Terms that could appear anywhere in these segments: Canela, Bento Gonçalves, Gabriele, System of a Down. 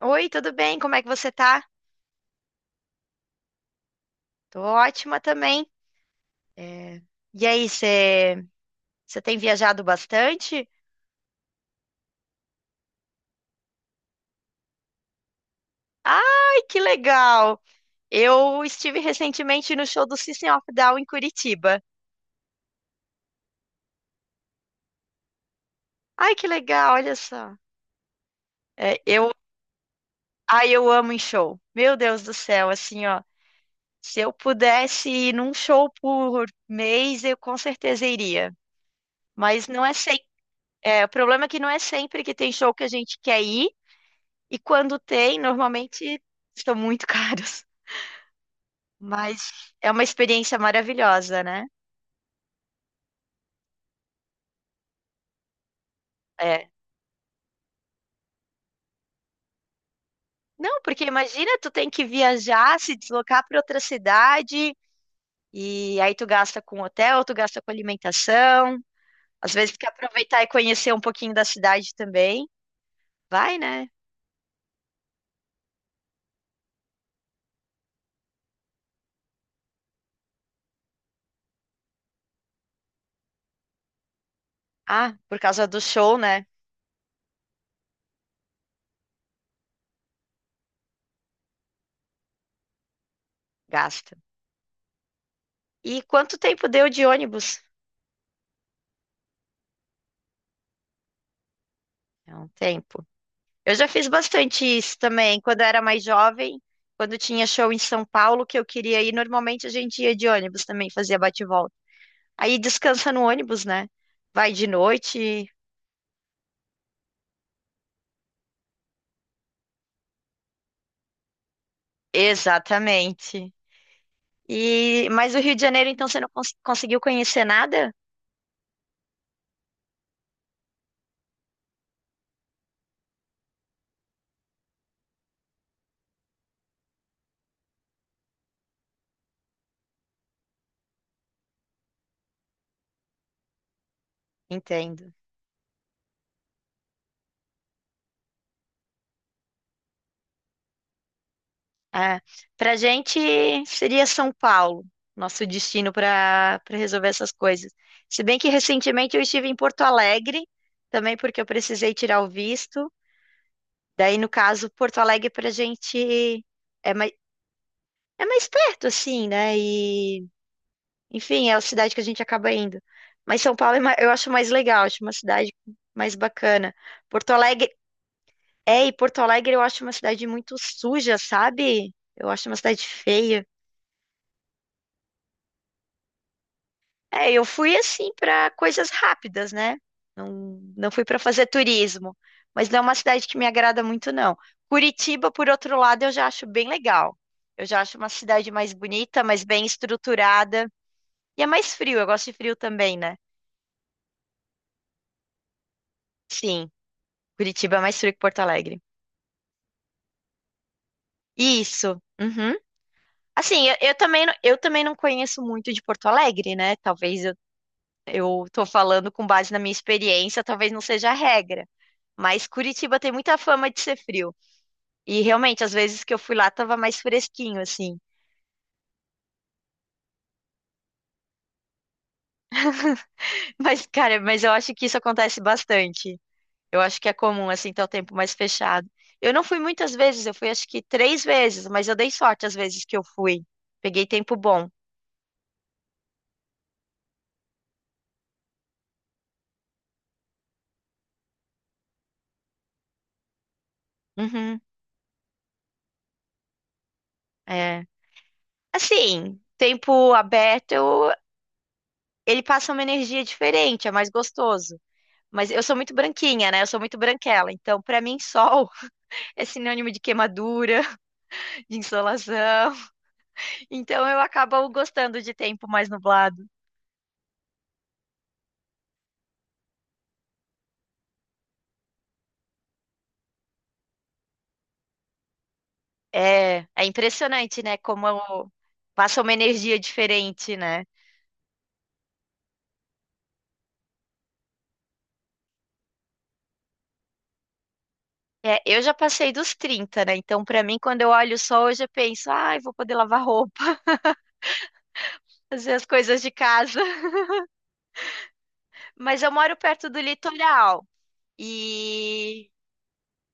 Oi, tudo bem? Como é que você tá? Tô ótima também. É, E aí, você tem viajado bastante? Ai, que legal! Eu estive recentemente no show do System of a Down em Curitiba. Ai, que legal, olha só. É, eu, ai, eu amo em show. Meu Deus do céu, assim, ó. Se eu pudesse ir num show por mês, eu com certeza iria. Mas não é sempre. O problema é que não é sempre que tem show que a gente quer ir. E quando tem, normalmente estão muito caros. Mas é uma experiência maravilhosa, né? É. Não, porque imagina, tu tem que viajar, se deslocar para outra cidade, e aí tu gasta com hotel, tu gasta com alimentação. Às vezes tu quer aproveitar e conhecer um pouquinho da cidade também. Vai, né? Ah, por causa do show, né? Gasta. E quanto tempo deu de ônibus? É um tempo. Eu já fiz bastante isso também, quando eu era mais jovem, quando tinha show em São Paulo que eu queria ir, normalmente a gente ia de ônibus também, fazia bate-volta. Aí descansa no ônibus, né? Vai de noite. Exatamente. E mas o Rio de Janeiro, então, você não conseguiu conhecer nada? Entendo. É. Pra gente seria São Paulo, nosso destino para resolver essas coisas. Se bem que recentemente eu estive em Porto Alegre, também porque eu precisei tirar o visto. Daí, no caso, Porto Alegre pra gente é mais, é mais perto, assim, né? E, enfim, é a cidade que a gente acaba indo. Mas São Paulo eu acho mais legal, acho uma cidade mais bacana. Porto Alegre, e Porto Alegre eu acho uma cidade muito suja, sabe? Eu acho uma cidade feia. É, eu fui assim para coisas rápidas, né? Não, não fui para fazer turismo, mas não é uma cidade que me agrada muito, não. Curitiba, por outro lado, eu já acho bem legal. Eu já acho uma cidade mais bonita, mais bem estruturada. E é mais frio, eu gosto de frio também, né? Sim, Curitiba é mais frio que Porto Alegre. Isso. Uhum. Assim, eu também, eu também não conheço muito de Porto Alegre, né? Talvez eu tô falando com base na minha experiência, talvez não seja a regra. Mas Curitiba tem muita fama de ser frio. E realmente, às vezes que eu fui lá, tava mais fresquinho, assim. Mas, cara, mas eu acho que isso acontece bastante. Eu acho que é comum, assim, ter o tempo mais fechado. Eu não fui muitas vezes, eu fui acho que três vezes, mas eu dei sorte às vezes que eu fui. Peguei tempo bom. Uhum, é. Assim, tempo aberto, ele passa uma energia diferente, é mais gostoso. Mas eu sou muito branquinha, né? Eu sou muito branquela. Então, pra mim, sol é sinônimo de queimadura, de insolação. Então eu acabo gostando de tempo mais nublado. É impressionante, né? Passa uma energia diferente, né? É, eu já passei dos 30, né? Então, pra mim, quando eu olho o sol, eu já penso, ai, vou poder lavar roupa, fazer as coisas de casa. Mas eu moro perto do litoral e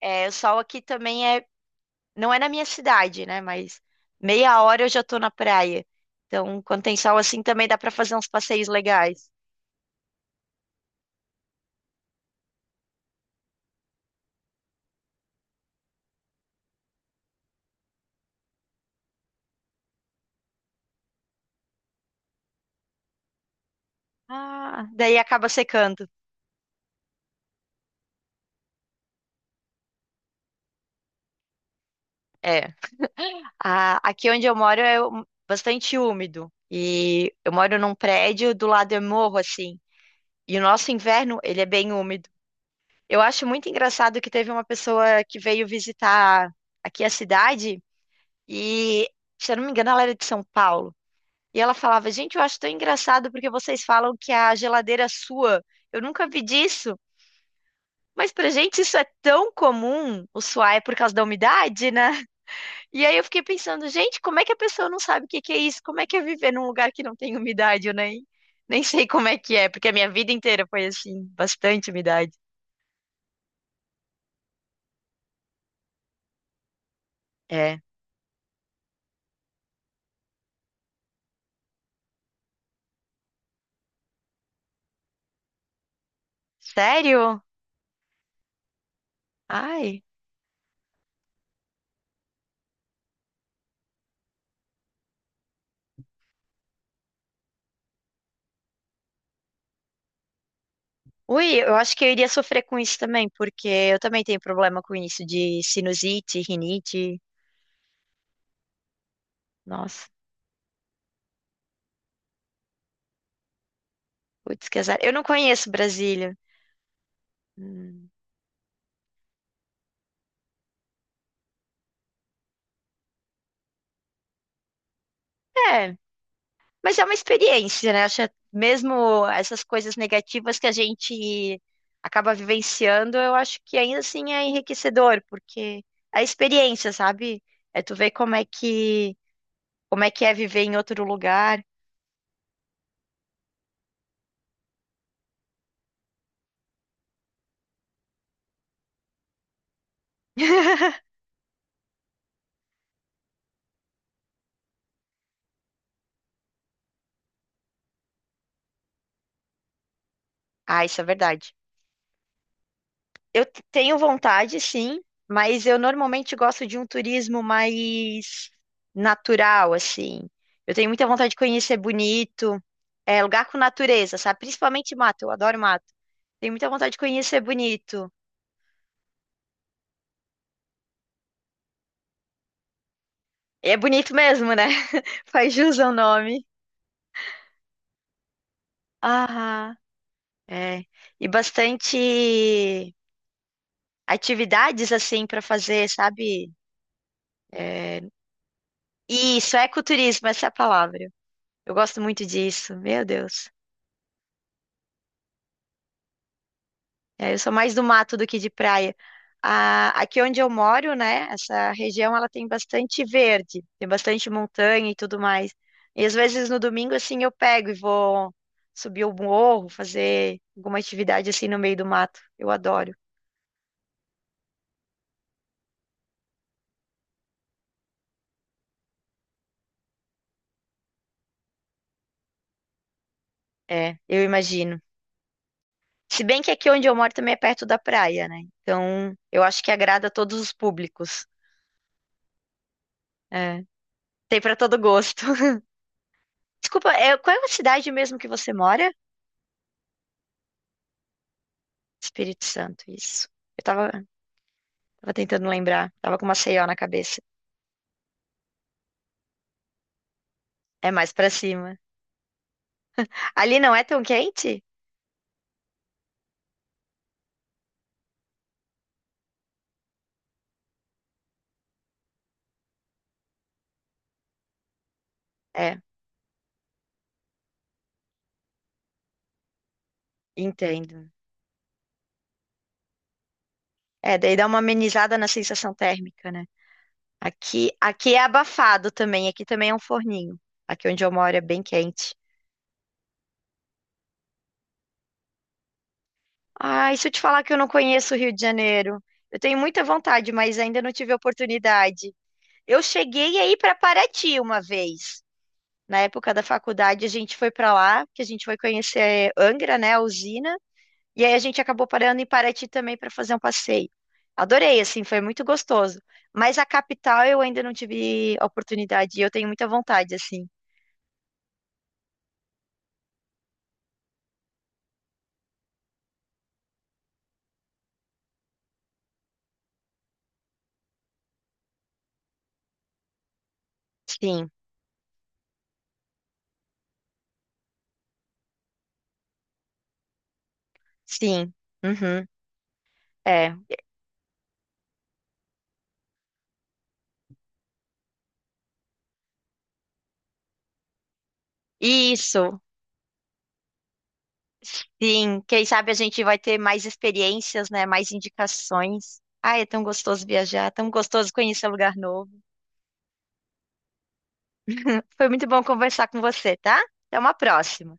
o sol aqui também não é na minha cidade, né? Mas meia hora eu já tô na praia. Então, quando tem sol assim, também dá pra fazer uns passeios legais. Ah, daí acaba secando. É. Aqui onde eu moro é bastante úmido. E eu moro num prédio, do lado é morro, assim. E o nosso inverno, ele é bem úmido. Eu acho muito engraçado que teve uma pessoa que veio visitar aqui a cidade e, se eu não me engano, ela era de São Paulo. E ela falava, gente, eu acho tão engraçado porque vocês falam que a geladeira sua. Eu nunca vi disso. Mas pra gente isso é tão comum. O suar é por causa da umidade, né? E aí eu fiquei pensando, gente, como é que a pessoa não sabe o que que é isso? Como é que é viver num lugar que não tem umidade? Eu nem sei como é que é, porque a minha vida inteira foi assim, bastante umidade. É. Sério? Ai. Ui, eu acho que eu iria sofrer com isso também, porque eu também tenho problema com isso de sinusite, rinite. Nossa, putz, que azar. Eu não conheço Brasília. Hum. É, mas é uma experiência, né? Acho que é mesmo essas coisas negativas que a gente acaba vivenciando, eu acho que ainda assim é enriquecedor, porque é experiência, sabe? É tu ver como é que é viver em outro lugar. Ah, isso é verdade. Eu tenho vontade, sim, mas eu normalmente gosto de um turismo mais natural, assim. Eu tenho muita vontade de conhecer bonito, lugar com natureza, sabe? Principalmente mato, eu adoro mato. Tenho muita vontade de conhecer bonito. E é bonito mesmo, né? Faz jus ao nome. Ah, é. E bastante atividades, assim, para fazer, sabe? É. Isso, ecoturismo, essa é a palavra. Eu gosto muito disso, meu Deus. É, eu sou mais do mato do que de praia. Aqui onde eu moro, né, essa região ela tem bastante verde, tem bastante montanha e tudo mais. E às vezes no domingo assim eu pego e vou subir o morro, fazer alguma atividade assim no meio do mato. Eu adoro. É, eu imagino. Se bem que aqui onde eu moro também é perto da praia, né? Então, eu acho que agrada a todos os públicos. É, tem para todo gosto. Desculpa, é, qual é a cidade mesmo que você mora? Espírito Santo, isso. Eu tava Tava tentando lembrar. Tava com uma Maceió na cabeça. É mais pra cima. Ali não é tão quente? É, entendo. É, daí dá uma amenizada na sensação térmica, né? Aqui, aqui é abafado também. Aqui também é um forninho. Aqui onde eu moro é bem quente. Ah, e se eu te falar que eu não conheço o Rio de Janeiro? Eu tenho muita vontade, mas ainda não tive oportunidade. Eu cheguei aí para Paraty uma vez. Na época da faculdade, a gente foi para lá, que a gente foi conhecer Angra, né, a usina. E aí a gente acabou parando em Paraty também para fazer um passeio. Adorei, assim, foi muito gostoso. Mas a capital eu ainda não tive oportunidade e eu tenho muita vontade, assim. Sim, sim. Uhum, é. Isso, sim. Quem sabe a gente vai ter mais experiências, né? Mais indicações. Ai, é tão gostoso viajar, tão gostoso conhecer um lugar novo. Foi muito bom conversar com você, tá? Até uma próxima.